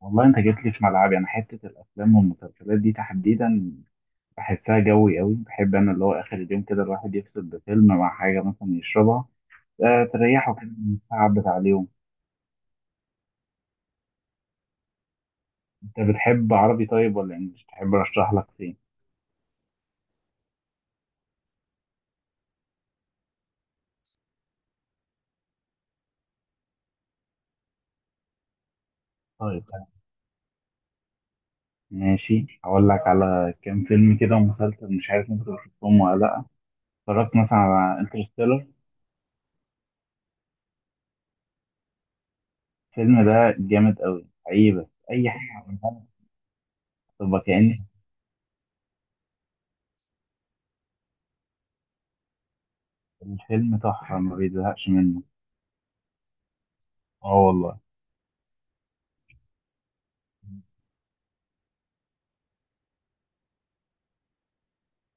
والله انت جيت لي في ملعبي. انا حته الافلام والمسلسلات دي تحديدا بحسها جوي قوي. بحب انا اللي هو اخر اليوم كده الواحد يفصل بفيلم مع حاجه مثلا يشربها، آه، تريحه كده من التعب بتاع اليوم. انت بتحب عربي طيب ولا انجلش؟ تحب ارشح لك فين؟ طيب تمام. ماشي، هقول لك على كام فيلم كده ومسلسل مش عارف انت شفتهم ولا لا. اتفرجت مثلا على انترستيلر؟ الفيلم ده جامد قوي حقيقي، بس اي حاجه عملها تبقى كأن الفيلم تحفه ما بيزهقش منه. اه والله.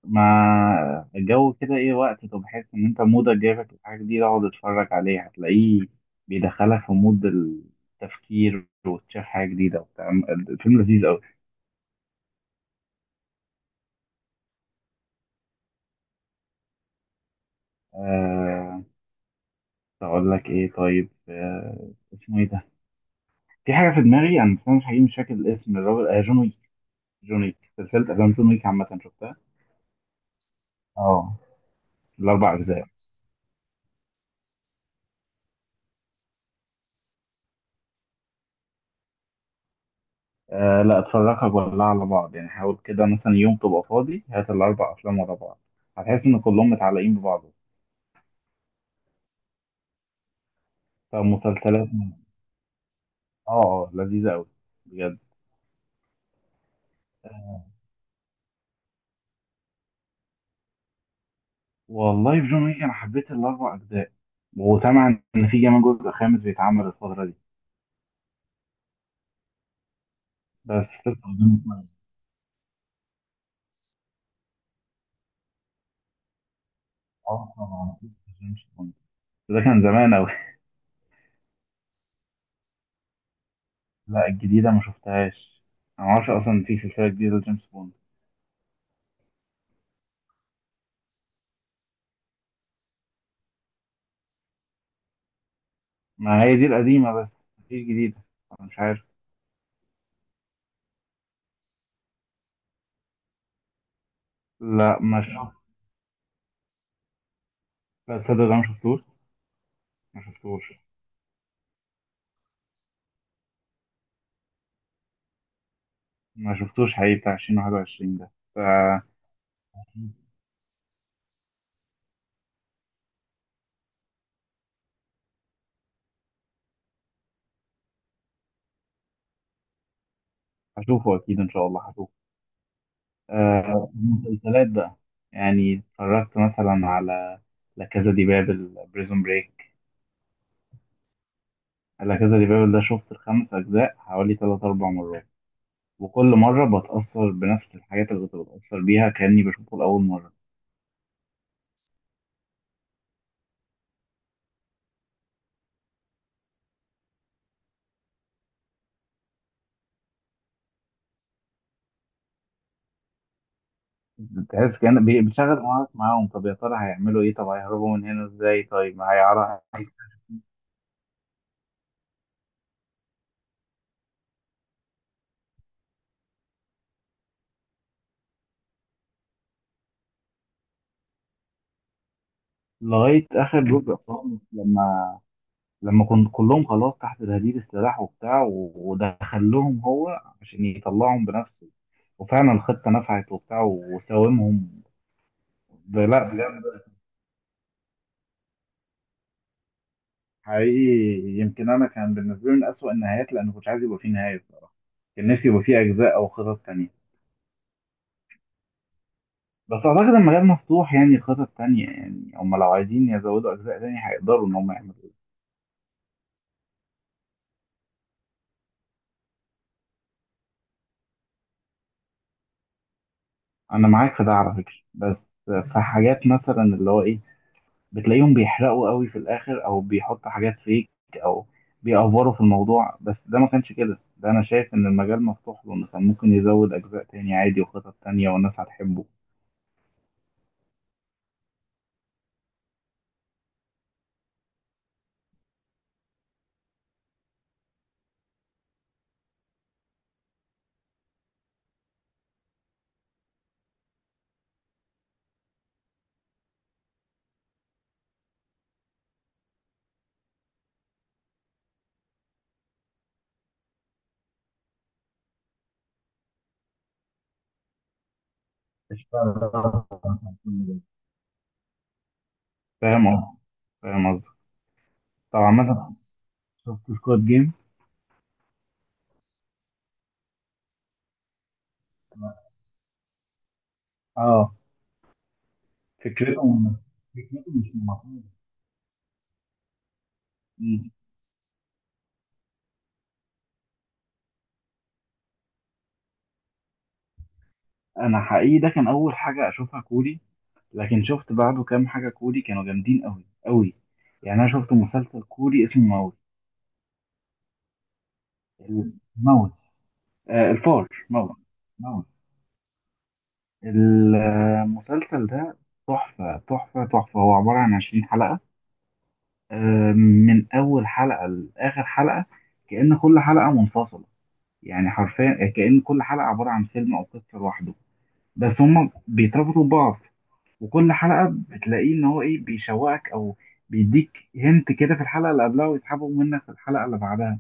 مع الجو كده ايه وقت، طب بحس ان انت مودك جايبك لحاجة جديدة اقعد اتفرج عليه هتلاقيه بيدخلك في مود التفكير وتشوف حاجة جديدة وبتاع. الفيلم لذيذ قوي. أه، اقول لك ايه طيب؟ أه، اسمه ايه ده؟ في حاجة في دماغي انا، بس أنا مش حقيقي مش فاكر الاسم. الراجل آه جون ويك. جون ويك سلسلة افلام جون ويك عامة، شفتها؟ اه، الاربع اجزاء. أه لا، اتفرجها كلها على بعض يعني. حاول كده مثلا يوم تبقى فاضي هات الاربع افلام ورا بعض، هتحس ان كلهم متعلقين ببعض. فمسلسلات، اه اه، لذيذة أوي بجد. والله في جون ويك أنا حبيت الأربع أجزاء وسامع إن في كمان جزء خامس بيتعمل الفترة دي، بس لسه قدامي شوية. اه طبعا أكيد. جيمس بوند بس ده كان زمان أوي. لا، الجديدة ما شفتهاش. أنا معرفش أصلا في سلسلة جديدة لجيمس بوند. ما هي دي القديمة بس، مفيش جديدة. أنا مش عارف. لا ما شفت. لا تصدق، ده ما شفتوش. ما شفتوش. ما شفتوش حقيقي بتاع 2021 ده هشوفه أكيد إن شاء الله هشوفه. آه، المسلسلات بقى. يعني اتفرجت مثلا على لا كازا دي بابل، بريزون بريك. لا كازا دي بابل ده شفت الخمس أجزاء حوالي تلات أربع مرات، وكل مرة بتأثر بنفس الحاجات اللي كنت بتأثر بيها كأني بشوفه لأول مرة. بتحس كأن بتشغل دماغك معاهم. طب يا ترى هيعملوا إيه؟ طب هيهربوا من هنا إزاي؟ طيب هيعرف لغاية آخر جزء خالص، لما كنت كلهم خلاص تحت تهديد السلاح وبتاع ودخلهم هو عشان يطلعهم بنفسه، وفعلا الخطة نفعت وبتاع وساومهم. لا بجد. حقيقي يمكن أنا كان بالنسبة لي من أسوأ النهايات، لأن كنت عايز يبقى فيه نهاية بصراحة. كان نفسي يبقى فيه أجزاء أو خطط تانية. بس أعتقد المجال مفتوح، يعني خطط تانية، يعني هم لو عايزين يزودوا أجزاء تانية هيقدروا إن هم يعملوا. أنا معاك في ده على فكرة، بس في حاجات مثلا اللي هو إيه بتلاقيهم بيحرقوا قوي في الاخر او بيحطوا حاجات فيك او بيأفوروا في الموضوع. بس ده ما كانش كده، ده انا شايف ان المجال مفتوح له إنه كان ممكن يزود اجزاء تاني عادي وخطط تانية والناس هتحبه. فاهم قصدي. فاهم قصدي. طبعا مثلا شفت سكواد جيم؟ اه. فكرته فكرته مش مفهومة. مم. انا حقيقي ده كان اول حاجه اشوفها كوري، لكن شفت بعده كام حاجه كوري كانوا جامدين قوي قوي. يعني انا شفت مسلسل كوري اسمه الموت. آه، الفار موت. موت. المسلسل ده تحفة تحفة تحفة. هو عبارة عن 20 حلقة. آه، من أول حلقة لآخر حلقة كأن كل حلقة منفصلة، يعني حرفيا كأن كل حلقة عبارة عن فيلم أو قصة لوحده بس هما بيتربطوا ببعض. وكل حلقة بتلاقيه إن هو إيه بيشوقك أو بيديك هنت كده في الحلقة اللي قبلها ويسحبه منك في الحلقة اللي بعدها.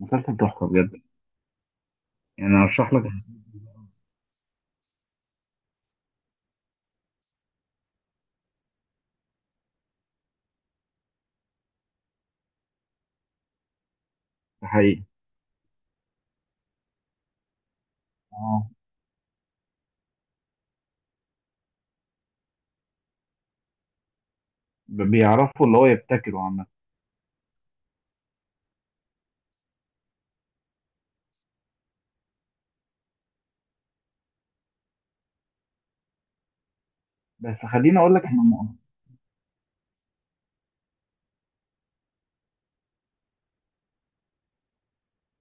مسلسل تحفة بجد. يعني أرشح لك. حقيقي بيعرفوا اللي هو يبتكروا عامة. بس خليني اقول لك احنا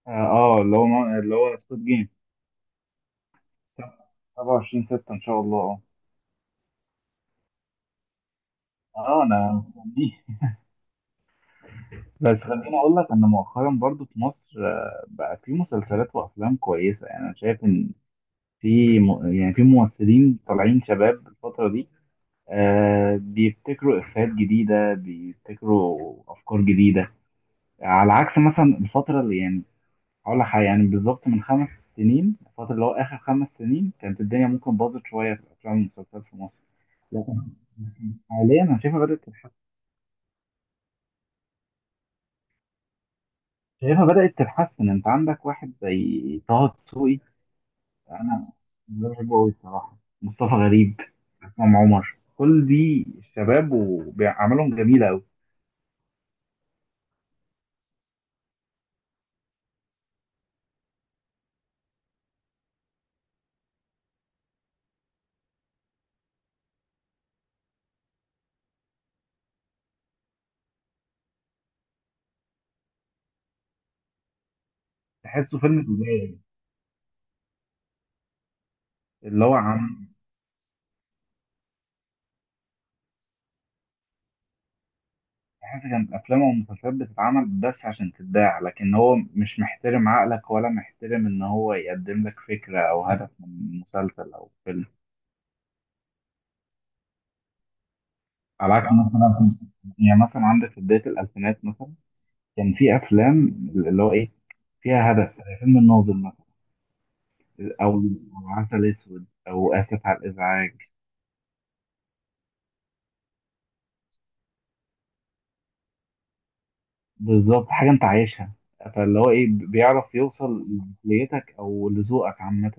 اه آه، اللي هو اللي هو سكوت جيم 27 6 ان شاء الله. اه اه انا مستنيه. بس خليني اقول لك ان مؤخرا برضو في مصر آه، بقى في مسلسلات وافلام كويسه. يعني انا شايف ان في يعني في ممثلين طالعين شباب الفتره دي، آه، بيبتكروا افيهات جديده بيبتكروا افكار جديده، على عكس مثلا الفتره اللي يعني هقول لك حاجة يعني بالظبط من 5 سنين. الفترة اللي هو آخر 5 سنين كانت الدنيا ممكن باظت شوية في الأفلام والمسلسلات في مصر. لكن لكن حاليا أنا شايفها بدأت تتحسن. شايفها بدأت تتحسن. أنت عندك واحد زي طه دسوقي. أنا أنا بحبه أوي الصراحة. مصطفى غريب، عصام عمر، كل دي الشباب وبيعملهم جميلة أوي. تحسه فيلم تجاري. اللي هو عم حاسس كانت أفلام ومسلسلات بتتعمل بس عشان تتباع، لكن هو مش محترم عقلك ولا محترم إن هو يقدم لك فكرة أو هدف من مسلسل أو فيلم. على عكس مثلا، يعني مثلا عندك في بداية الألفينات مثلا كان في أفلام اللي هو إيه فيها هدف زي فيلم الناظر مثلا، أو أو عسل أسود أو آسف على الإزعاج. بالظبط حاجة أنت عايشها، فاللي هو إيه بيعرف يوصل لعقليتك أو لذوقك عامة.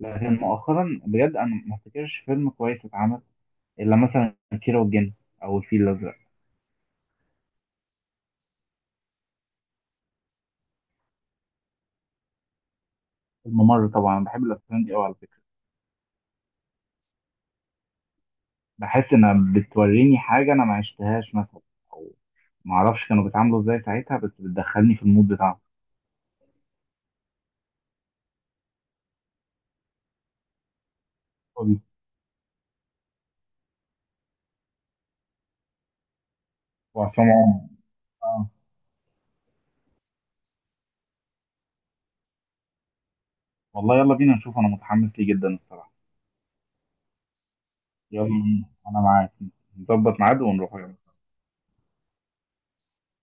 لكن مؤخرا بجد أنا ما افتكرش فيلم كويس اتعمل إلا مثلا كيرة والجن أو الفيل الأزرق. الممر طبعا بحب الأفلام دي أوي على فكرة. بحس إنها بتوريني حاجة أنا ما عشتهاش مثلا، أو ما أعرفش كانوا بيتعاملوا إزاي ساعتها، بس بتدخلني في المود بتاعهم. قولي. وعصام عمر آه. والله يلا بينا نشوف، أنا متحمس ليه جدا الصراحة. يلا بينا. أنا معاك. نظبط ميعاد ونروح يلا.